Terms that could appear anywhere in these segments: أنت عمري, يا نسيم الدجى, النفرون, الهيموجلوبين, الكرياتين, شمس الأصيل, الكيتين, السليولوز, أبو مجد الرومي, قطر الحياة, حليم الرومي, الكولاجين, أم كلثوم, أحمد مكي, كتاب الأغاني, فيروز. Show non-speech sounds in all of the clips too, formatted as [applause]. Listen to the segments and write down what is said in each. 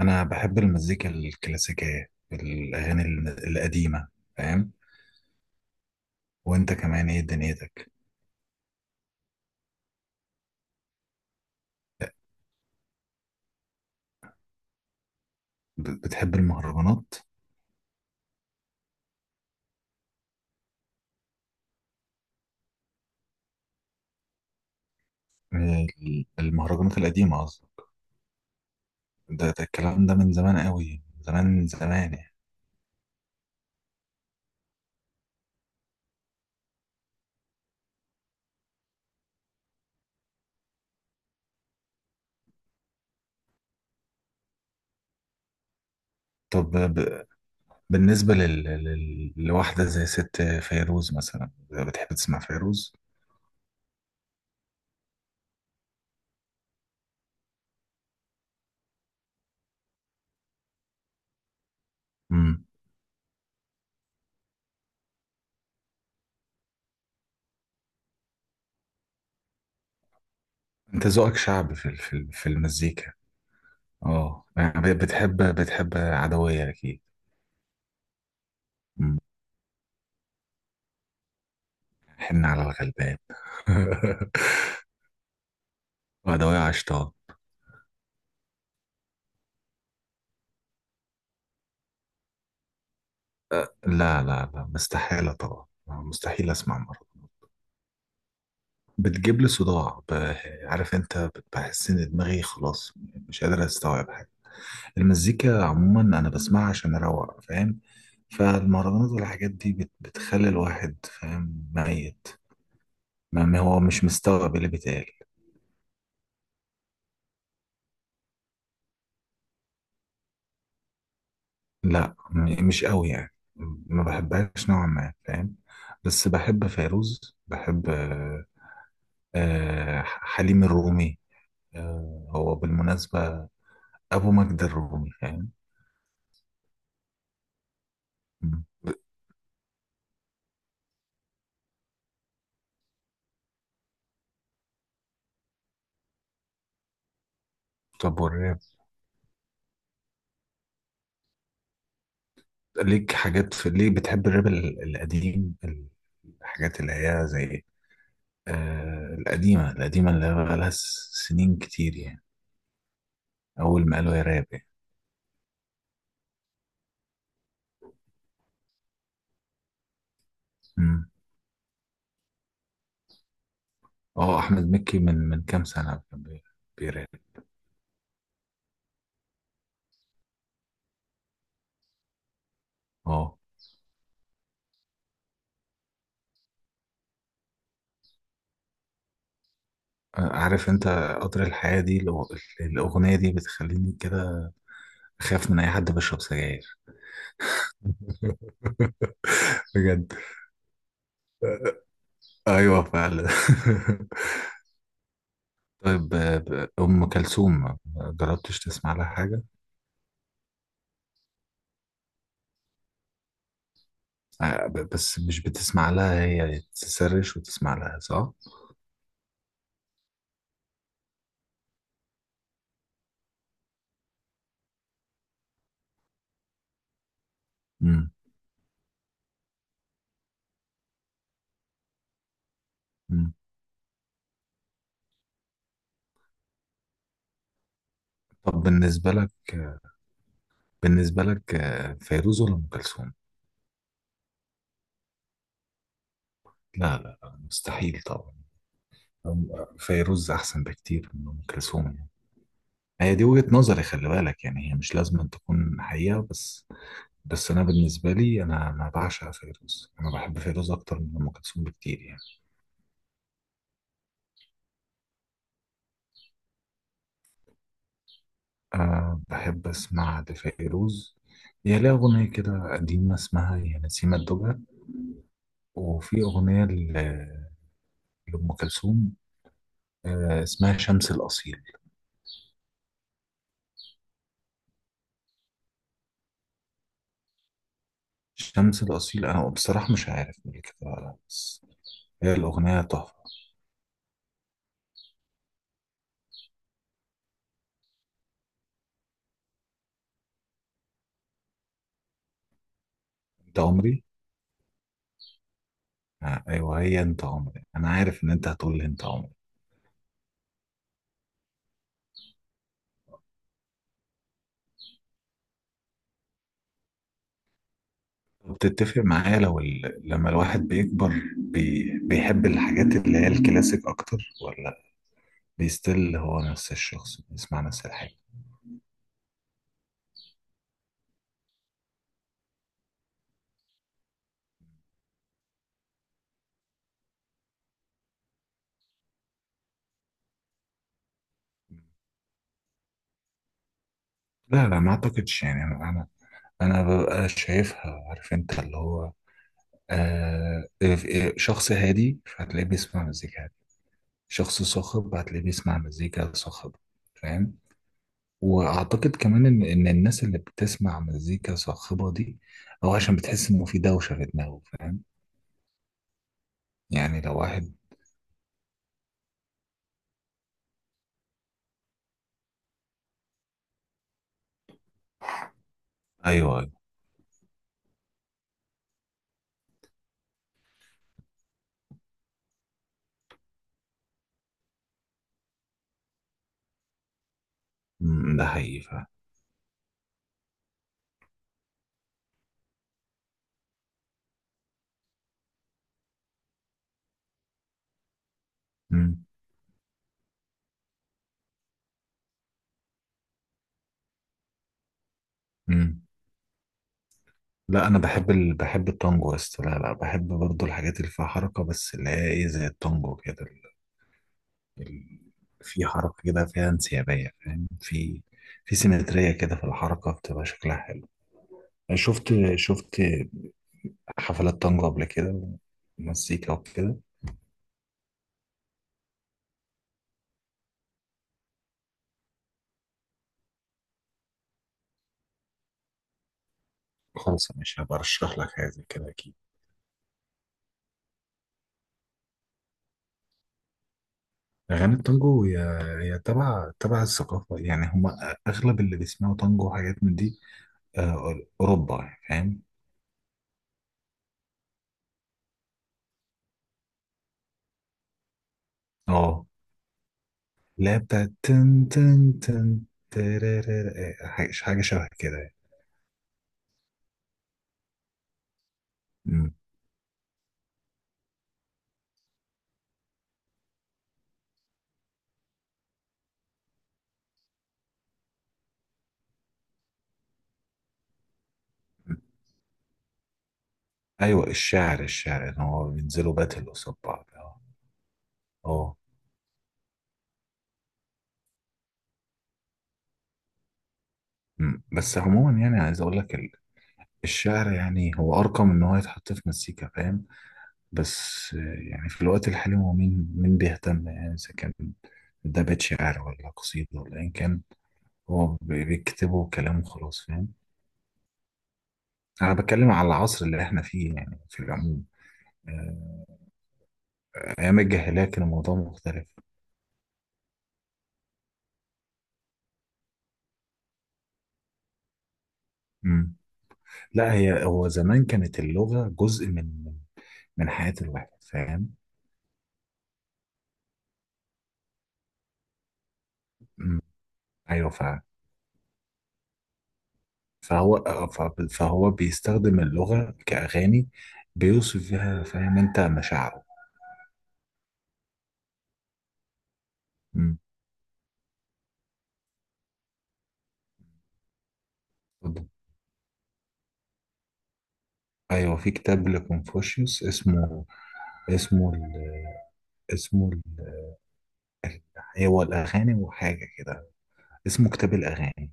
انا بحب المزيكا الكلاسيكيه الاغاني القديمه، فاهم؟ وانت كمان ايه دنيتك؟ بتحب المهرجانات؟ المهرجانات القديمه قصدي. ده الكلام ده من زمان قوي، زمان زمان يعني. طب بالنسبه لواحده زي ست فيروز مثلا، بتحب تسمع فيروز؟ امم، انت ذوقك شعبي في المزيكا. اه، بتحب عدويه اكيد. مم. حن على الغلبان. [laughs] وعدوية عشتها. لا لا لا، مستحيلة طبعا. آه، مستحيل أسمع مرض. بتجيب لي صداع. عارف أنت، بحس إن دماغي خلاص مش قادر أستوعب حاجة. المزيكا عموما أنا بسمعها عشان أروق فاهم، فالمهرجانات والحاجات دي بتخلي الواحد فاهم ميت. ما هو مش مستوعب اللي بيتقال. لا، مش قوي يعني، ما بحبهاش نوعا ما، فاهم؟ بس بحب فيروز، بحب، آه، آه، حليم الرومي. آه، هو بالمناسبة أبو مجد الرومي، فاهم؟ مم. طب والراب؟ ليك حاجات في، ليه بتحب الراب القديم؟ الحاجات اللي هي زي آه القديمة القديمة، اللي هي بقالها سنين كتير يعني، أول ما قالوا يا راب يعني. مم. اه، أحمد مكي، من كام سنة كان بيراب. اه. آه، عارف انت؟ قطر الحياة دي، الأغنية دي بتخليني كده أخاف من أي حد بيشرب سجاير. [laughs] بجد. ايوه فعلا. [laughs] طيب، آه، ام كلثوم ما جربتش تسمع لها حاجه؟ آه، بس مش بتسمع لها، هي تسرش وتسمع لها صح؟ امم. أمم. طب بالنسبه لك، آه، فيروز ولا ام كلثوم؟ لا لا لا، مستحيل طبعا. فيروز احسن بكتير من ام كلثوم يعني. هي دي وجهه نظري، خلي بالك، يعني هي مش لازم أن تكون حقيقه، بس بس انا بالنسبه لي، انا بعشق فيروز، انا بحب فيروز اكتر من ام كلثوم بكتير يعني. أه بحب أسمع لفيروز، هي ليها أغنية كده قديمة اسمها يا نسيم الدجى. وفي أغنية لأم كلثوم، أه اسمها شمس الأصيل. شمس الأصيل، أنا بصراحة مش عارف مين كده ولا لأ، بس هي الأغنية تحفة. أنت عمري. أه أيوه، هي أنت عمري، أنا عارف إن أنت هتقول لي أنت عمري. بتتفق معايا لو لما الواحد بيكبر بيحب الحاجات اللي هي الكلاسيك أكتر، ولا بيستل هو نفس الشخص بيسمع نفس الحاجة؟ لا لا، ما اعتقدش يعني، انا أنا ببقى شايفها، عارف انت، اللي هو آه، شخص هادي فهتلاقيه بيسمع مزيكا هادي، شخص صاخب هتلاقيه بيسمع مزيكا صاخبة، فاهم؟ واعتقد كمان ان الناس اللي بتسمع مزيكا صاخبة دي او عشان بتحس انه في دوشة في دماغه، فاهم؟ يعني لو واحد، ايوه ايوه. أمم، ده حقيقي فاهم. أمم. أمم. لا انا بحب بحب التانجو، بس لا لا بحب برضو الحاجات اللي فيها حركة، بس اللي هي ايه زي التانجو كده، ال- في حركة كده فيها انسيابية، فاهم؟ في في سيمترية كده في الحركة، بتبقى شكلها حلو. أنا شفت حفلات طنجة قبل كده ومزيكا وكده. خلاص، مش هبقى أرشح لك حاجة زي كده أكيد. أغاني التانجو هي، هي تبع الثقافة، يعني هما أغلب اللي بيسمعوا تانجو وحاجات من دي آه، أوروبا يعني، فاهم؟ اه. لا، بتاعت تن تن تن ترارارا، آه، حاجة حاجة شبه كده يعني. مم. ايوه، الشعر، الشعر ان هو بينزلوا باتل قصاد بعض، اه. اه. أمم. بس عموما يعني عايز اقول لك، الشعر يعني هو ارقم ان هو يتحط في مزيكا، فاهم؟ بس آه، يعني في الوقت الحالي هو مين بيهتم يعني اذا كان ده بيت شعر ولا قصيدة ولا ايا كان؟ هو بيكتبه كلام وخلاص، فاهم؟ انا بتكلم على العصر اللي احنا فيه يعني، في العموم آه، ايام الجاهلية كان الموضوع مختلف. أمم. لا، هي هو زمان كانت اللغة جزء من من حياة الواحد، فاهم؟ مم. ايوه فعلا. فهو آه، فهو بيستخدم اللغه كاغاني، بيوصف فيها فاهم انت مشاعره. مم. اتفضل. ايوه، في كتاب لكونفوشيوس اسمه، اسمه اسمه ال- هو الاغاني وحاجه كده، اسمه كتاب الاغاني.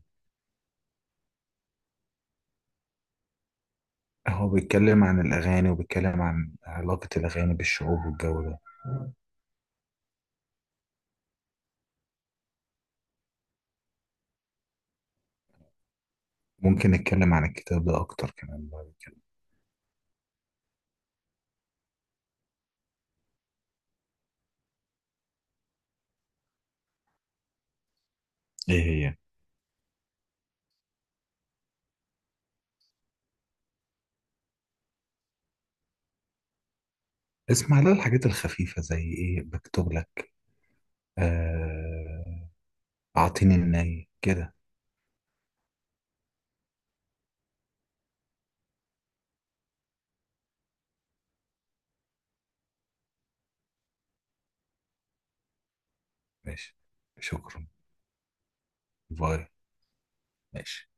هو بيتكلم عن الاغاني وبيتكلم عن علاقه الاغاني بالشعوب والجو ده. ممكن نتكلم عن الكتاب ده اكتر كمان بعد كده. ايه هي؟ اسمع لها الحاجات الخفيفه زي ايه بكتب لك، آه، أعطيني الناي كده. ماشي، شكرا. باي. ماشي.